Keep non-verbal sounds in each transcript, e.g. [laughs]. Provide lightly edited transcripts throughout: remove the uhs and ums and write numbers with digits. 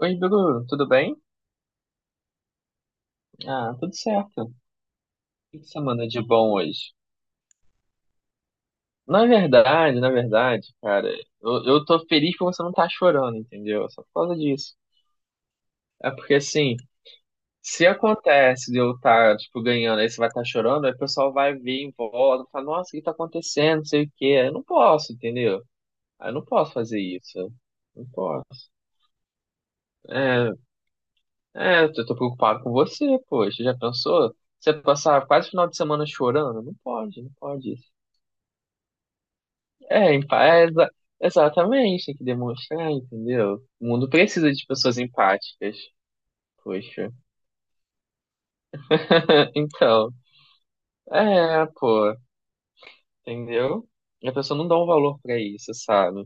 Oi, Bruno, tudo bem? Ah, tudo certo. O que semana de bom hoje? Na verdade, cara, eu tô feliz que você não tá chorando, entendeu? Só por causa disso. É porque, assim, se acontece de eu estar, tipo, ganhando, aí você vai estar chorando, aí o pessoal vai vir em volta, fala, nossa, o que tá acontecendo, não sei o quê. Aí eu não posso, entendeu? Aí eu não posso fazer isso. Não posso. É, é, eu tô preocupado com você, poxa, já pensou? Você passar quase o final de semana chorando? Não pode, não pode. É, empa- é exa- Exatamente, tem que demonstrar, entendeu? O mundo precisa de pessoas empáticas. Poxa. [laughs] Então, é, pô, entendeu? E a pessoa não dá um valor pra isso, sabe?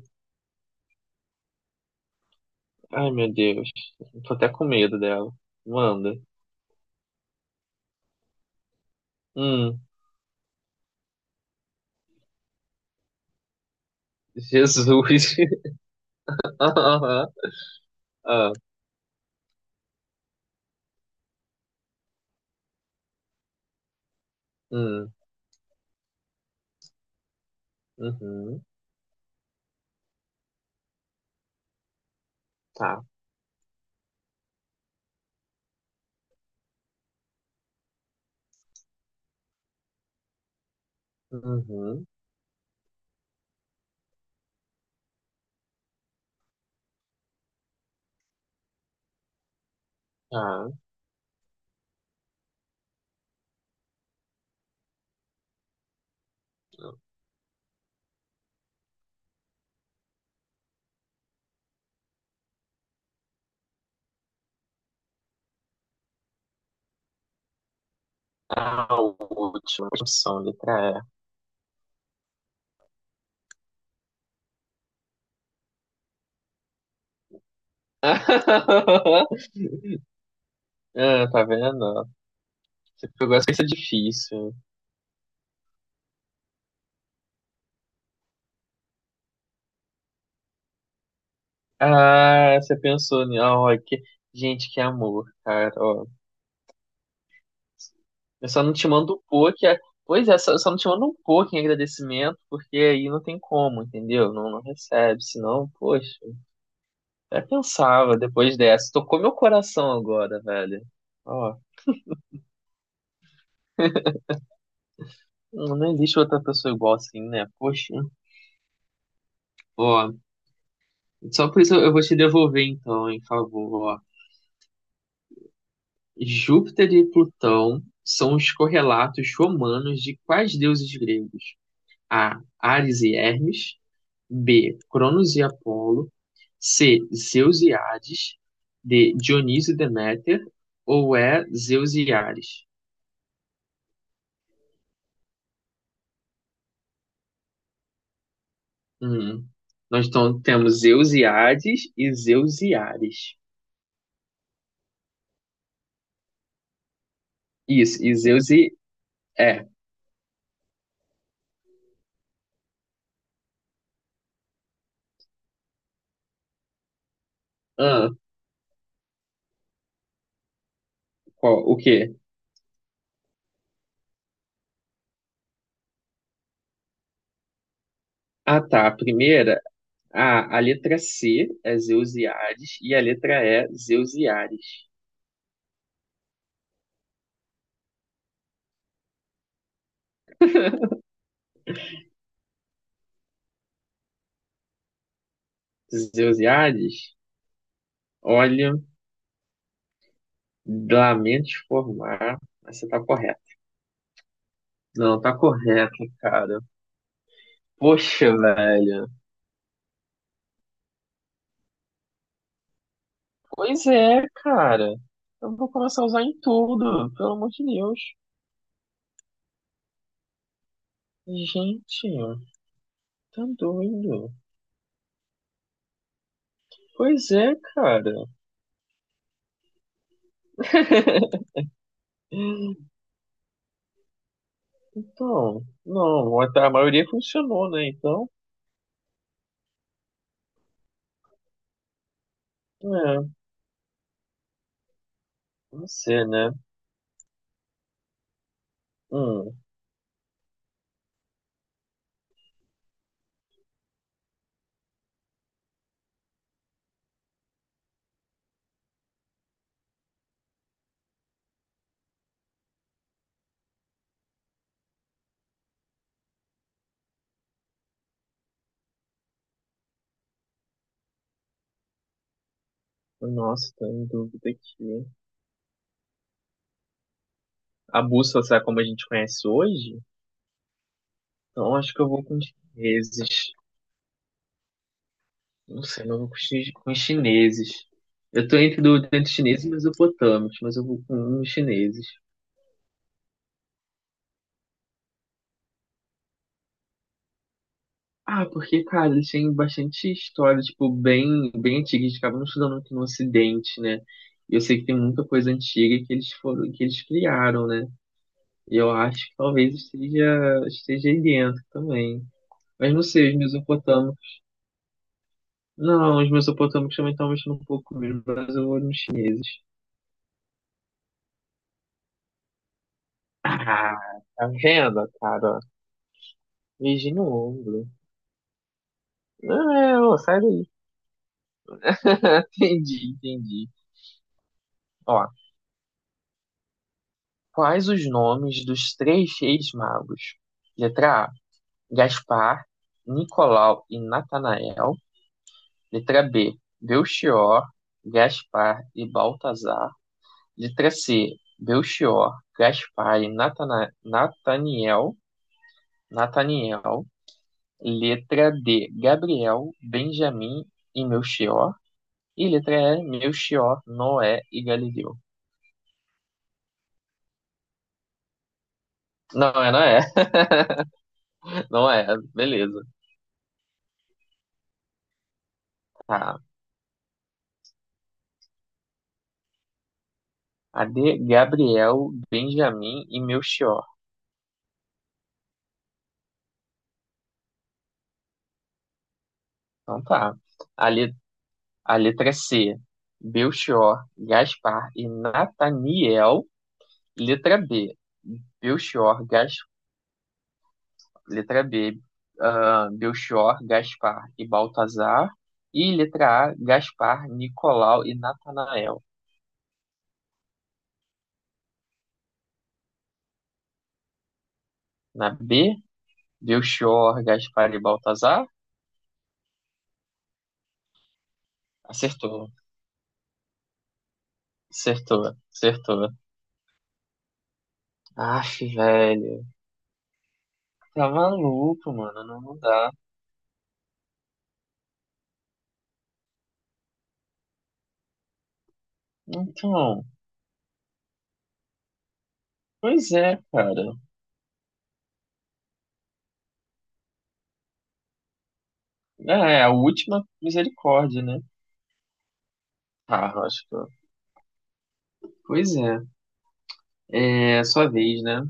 Ai, meu Deus. Tô até com medo dela. Manda. Hum, Jesus. [laughs] Aham. Ah, hum, uhum, tá. Uhum, tá. A última opção, letra E. [laughs] Ah, tá vendo? Você pegou essa, isso é difícil. Ah, você pensou, né? Ah, ó, que... Gente, que amor, cara. Ó. Eu só não te mando um pouco. Pois é, só não te mando um pouco em agradecimento, porque aí não tem como, entendeu? Não, não recebe, senão, poxa. Até pensava depois dessa. Tocou meu coração agora, velho. Ó, não, não existe outra pessoa igual assim, né? Poxa. Ó, só por isso eu vou te devolver então, em favor, ó. Júpiter e Plutão são os correlatos romanos de quais deuses gregos? A. Ares e Hermes. B. Cronos e Apolo. C. Zeus e Hades. D. Dionísio e Deméter. Ou E. Zeus e Ares? Hum. Nós então temos Zeus e Hades e Zeus e Ares. Isso, e Zeus e. É. Ah, qual? O quê? Ah, tá. A letra C é Zeus e Hades e a letra E, Zeus e Ares. Zeus e Hades, olha, lamento te informar, mas você tá correto. Não, tá correto, cara. Poxa, velho. Pois é, cara. Eu vou começar a usar em tudo, pelo amor de Deus. Gente, tá doido. Pois é, cara. [laughs] Então, não, a maioria funcionou, né? Então, é, não sei, né? Hum. Nossa, tô em dúvida aqui. A bússola será como a gente conhece hoje? Então acho que eu vou com os chineses. Não sei, mas eu vou com os chineses. Eu tô entre, do, entre chineses e mesopotâmicos, mas eu vou com os chineses. Ah, porque, cara, eles têm bastante história, tipo, bem antiga. A gente acaba não estudando muito no Ocidente, né? E eu sei que tem muita coisa antiga que eles foram, que eles criaram, né? E eu acho que talvez esteja aí dentro também. Mas não sei, os mesopotâmicos. Não, os mesopotâmicos também estão mexendo um pouco comigo, mas eu vou nos chineses. Ah, tá vendo, cara? Beijinho no ombro. Não, é, ô, sai daí. [laughs] Entendi, entendi. Ó, quais os nomes dos três reis magos? Letra A, Gaspar, Nicolau e Natanael. Letra B, Belchior, Gaspar e Baltazar. Letra C, Belchior, Gaspar e Nataniel. Nataniel. Letra D, Gabriel, Benjamim e Melchior. E letra E, Melchior, Noé e Galileu. Não, é Noé, [laughs] não é, beleza. Tá. A D, Gabriel, Benjamim e Melchior. Então tá. A, le- a letra C, Belchior, Gaspar e Nataniel. Letra B, Belchior, Gas Letra B, ah, Belchior, Gaspar e Baltazar. E letra A, Gaspar, Nicolau e Natanael. Na B, Belchior, Gaspar e Baltazar. Acertou, acertou, acertou. Aff, velho. Tá maluco, mano. Não, não dá. Então, pois é, cara. É, é a última misericórdia, né? Ah, acho que. Pois é. É sua vez, né?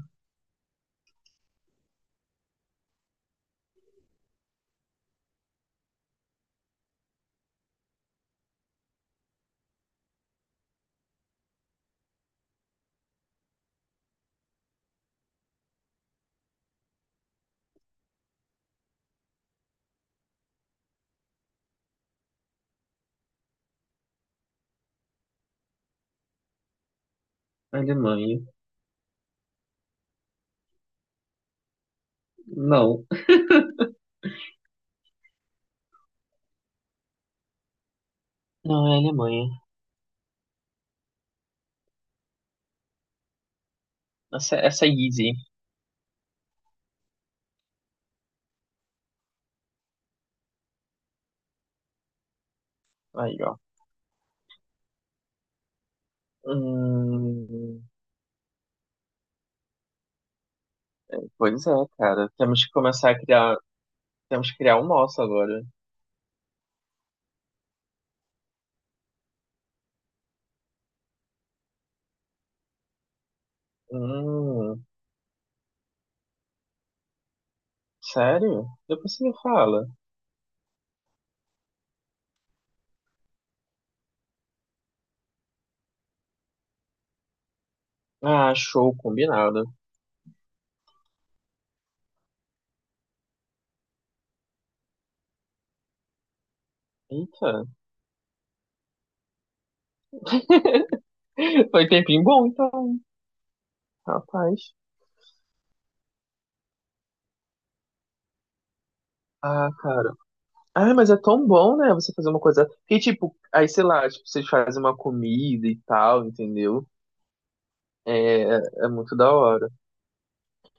Alemanha. Não. Não é Alemanha. Essa é easy. Aí, ó. Hum, pois é, cara. Temos que começar a criar. Temos que criar o nosso agora. Hum, sério? Depois você me fala. Ah, show, combinado. Eita. [laughs] Foi tempinho bom, então. Rapaz. Ah, cara. Ah, mas é tão bom, né? Você fazer uma coisa. Porque, tipo, aí, sei lá, tipo, vocês fazem uma comida e tal, entendeu? É, é muito da hora.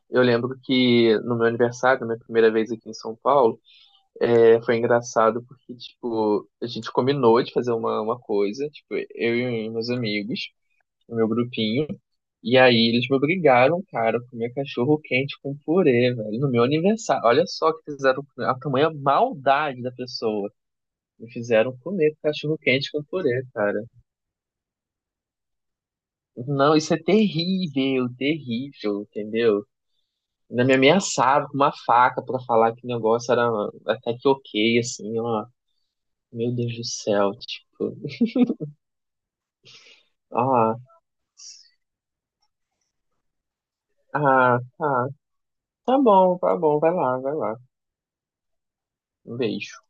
Eu lembro que no meu aniversário, minha primeira vez aqui em São Paulo, é, foi engraçado porque, tipo, a gente combinou de fazer uma coisa, tipo, eu e meus amigos, o meu grupinho, e aí eles me obrigaram, cara, a comer cachorro quente com purê, velho, no meu aniversário. Olha só que fizeram a tamanha maldade da pessoa. Me fizeram comer cachorro quente com purê, cara. Não, isso é terrível, terrível, entendeu? Ainda me ameaçaram com uma faca pra falar que o negócio era até que ok, assim, ó. Meu Deus do céu, tipo. Ah, ah, tá. Tá bom, tá bom. Vai lá, vai lá. Um beijo.